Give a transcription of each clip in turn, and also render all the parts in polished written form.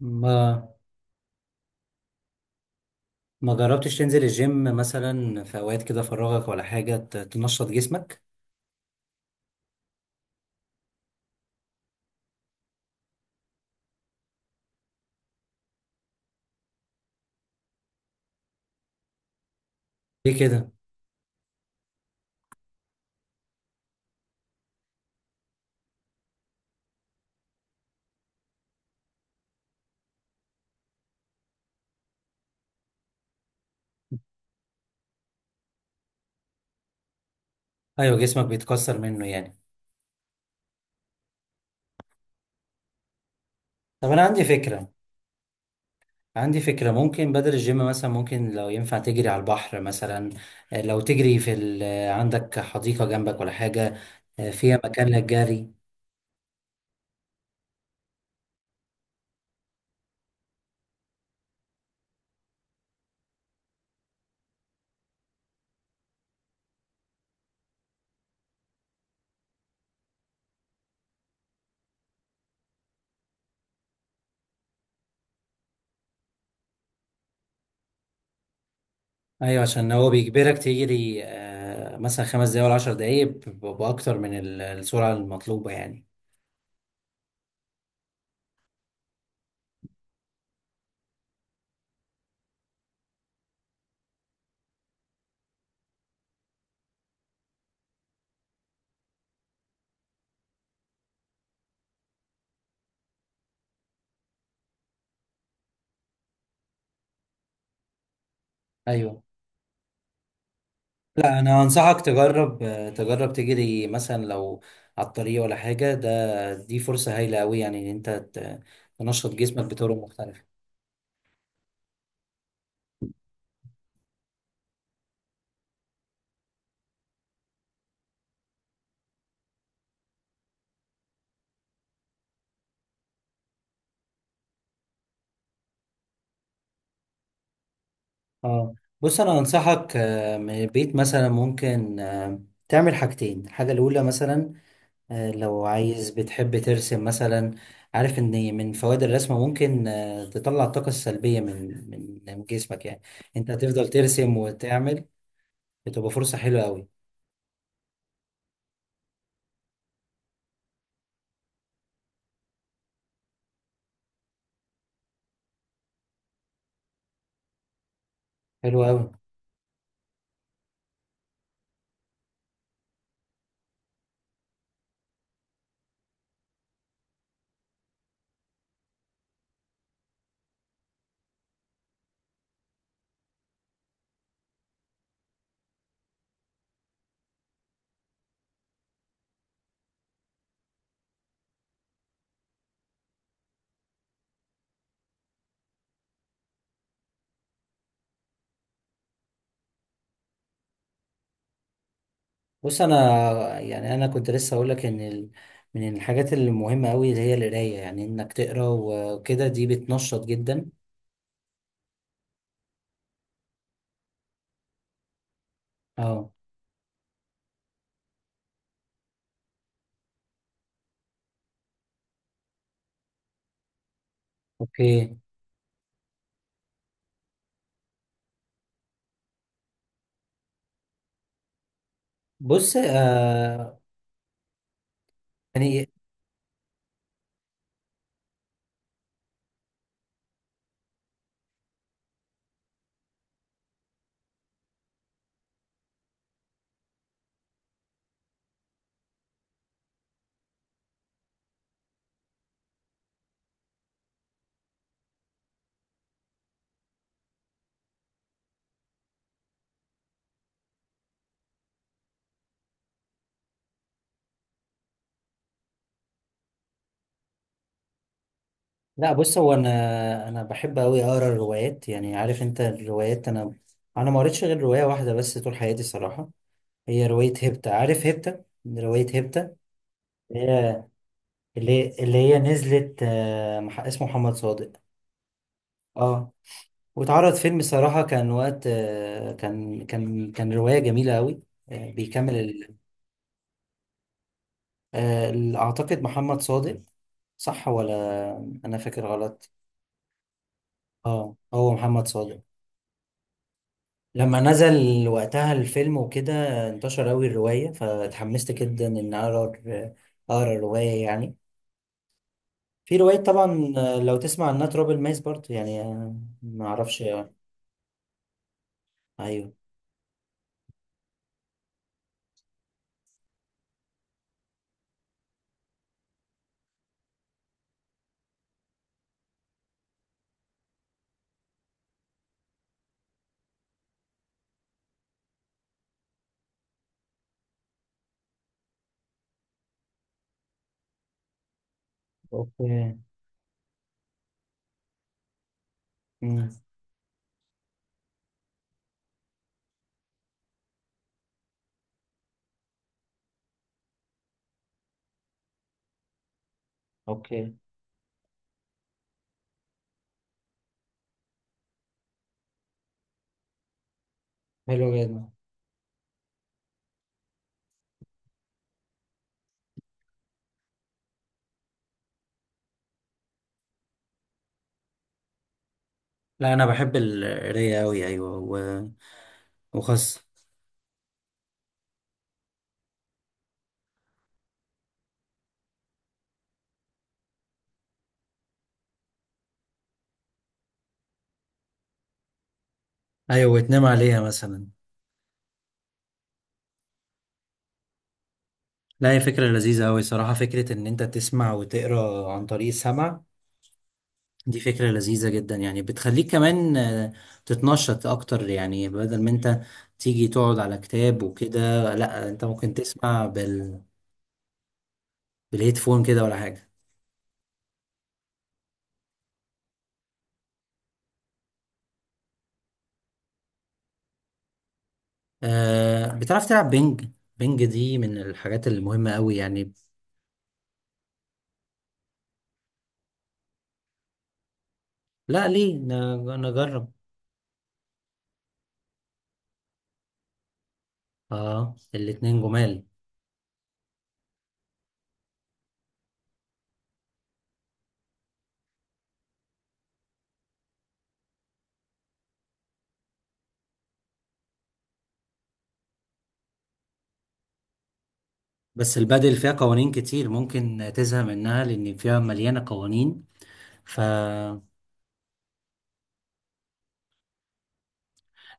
ما ما جربتش تنزل الجيم مثلا في اوقات كده فراغك ولا حاجه تنشط جسمك؟ ليه كده؟ ايوه، جسمك بيتكسر منه يعني. طب انا عندي فكره، ممكن بدل الجيم مثلا، ممكن لو ينفع تجري على البحر مثلا. لو تجري في ال... آه، عندك حديقه جنبك ولا حاجه فيها مكان للجري؟ ايوه، عشان هو بيجبرك تجري مثلا 5 دقايق ولا 10 دقايق باكتر من السرعه المطلوبه يعني. ايوه. لا، انا انصحك تجرب تجري مثلا لو على الطريق ولا حاجه. دي فرصه هايله قوي، يعني ان انت تنشط جسمك بطرق مختلفه. اه. بص انا انصحك من البيت مثلا، ممكن تعمل حاجتين. الحاجه الاولى مثلا، لو عايز بتحب ترسم مثلا. عارف ان من فوائد الرسم ممكن تطلع الطاقه السلبيه من جسمك يعني. انت هتفضل ترسم وتعمل، بتبقى فرصه حلوه قوي. حلوه قوي. بص، انا يعني انا كنت لسه اقول لك ان من الحاجات المهمه قوي اللي هي القرايه، يعني انك تقرا وكده دي بتنشط جدا. اه. اوكي. بص. يعني، لا، بص، هو انا بحب قوي اقرا الروايات، يعني عارف انت الروايات؟ انا ما قريتش غير روايه واحده بس طول حياتي صراحه. هي روايه هيبتا. عارف هيبتا؟ روايه هيبتا اللي هي اللي هي نزلت. اسمه محمد صادق. اه. واتعرض فيلم صراحة، كان وقت، كان رواية جميلة أوي. آه، بيكمل ال... آه، ال- أعتقد محمد صادق. صح ولا أنا فاكر غلط؟ اه، هو محمد صادق. لما نزل وقتها الفيلم وكده انتشر أوي الرواية، فاتحمست جدا إن أقرأ الرواية يعني. في رواية طبعا، لو تسمع عنها، تراب الماس برضه، يعني ما أعرفش أيوه. أوكي. مم. أوكي. حلو جدا. لا، انا بحب القرايه قوي. ايوه، وخاصه. ايوه، وتنام عليها مثلا. لا، هي فكره لذيذه قوي صراحه، فكره ان انت تسمع وتقرا عن طريق السمع. دي فكره لذيذه جدا، يعني بتخليك كمان تتنشط اكتر، يعني بدل ما انت تيجي تقعد على كتاب وكده، لا انت ممكن تسمع بالهيدفون كده ولا حاجه. أه، بتعرف تلعب بينج؟ بينج دي من الحاجات المهمه قوي يعني. لا، ليه؟ نجرب. اه، الاتنين جمال. بس البادل فيها قوانين كتير، ممكن تزهق منها لأن فيها مليانة قوانين. ف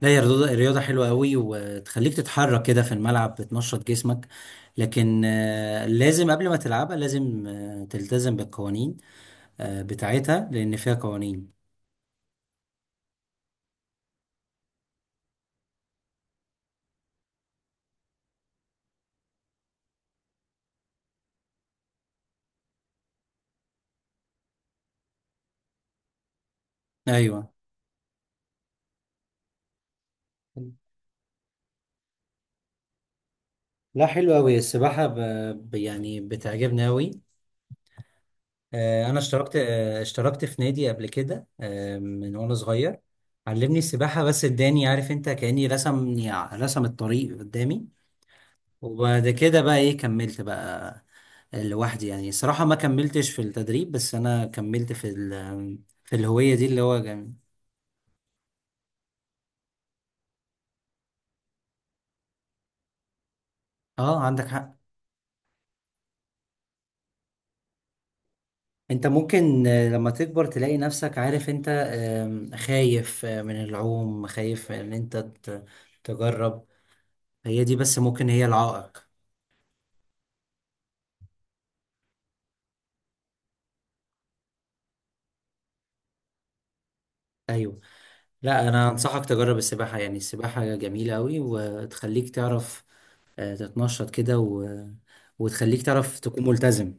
لا، هي رياضة حلوة قوي وتخليك تتحرك كده في الملعب، بتنشط جسمك. لكن لازم قبل ما تلعبها لازم تلتزم بالقوانين بتاعتها لأن فيها قوانين. أيوة. لا، حلوة قوي السباحة، يعني بتعجبني قوي. انا اشتركت، اشتركت في نادي قبل كده من وانا صغير. علمني السباحه، بس اداني عارف انت، كاني رسمني رسم الطريق قدامي. وبعد كده بقى، ايه، كملت بقى لوحدي، يعني الصراحه ما كملتش في التدريب، بس انا كملت في الهويه دي اللي هو جميل. اه، عندك حق. انت ممكن لما تكبر تلاقي نفسك عارف انت، خايف من العوم، خايف ان انت تجرب. هي دي بس، ممكن هي العائق. ايوه. لا، انا انصحك تجرب السباحه، يعني السباحه جميله قوي وتخليك تعرف تتنشط كده وتخليك تعرف تكون ملتزم.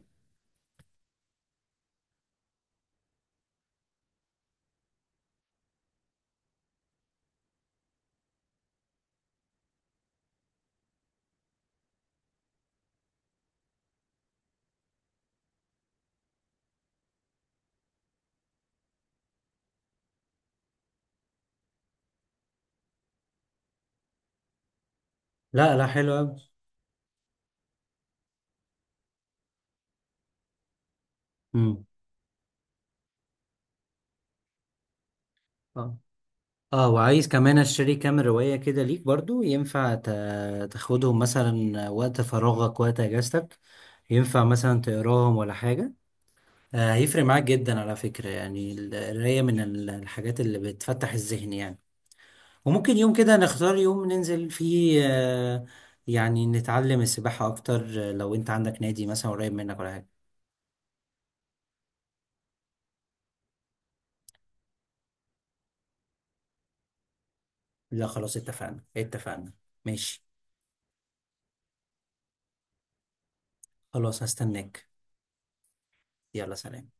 لا لا، حلو قوي. امم. اه اه، وعايز كمان اشتري كام روايه كده ليك برضو، ينفع تاخدهم مثلا وقت فراغك، وقت اجازتك؟ ينفع مثلا تقراهم ولا حاجه. هيفرق معاك جدا على فكره، يعني القرايه من الحاجات اللي بتفتح الذهن يعني. وممكن يوم كده نختار يوم ننزل فيه، يعني نتعلم السباحة أكتر، لو أنت عندك نادي مثلا قريب منك ولا حاجة. لا خلاص، اتفقنا اتفقنا. ماشي. خلاص، هستناك. يلا سلام.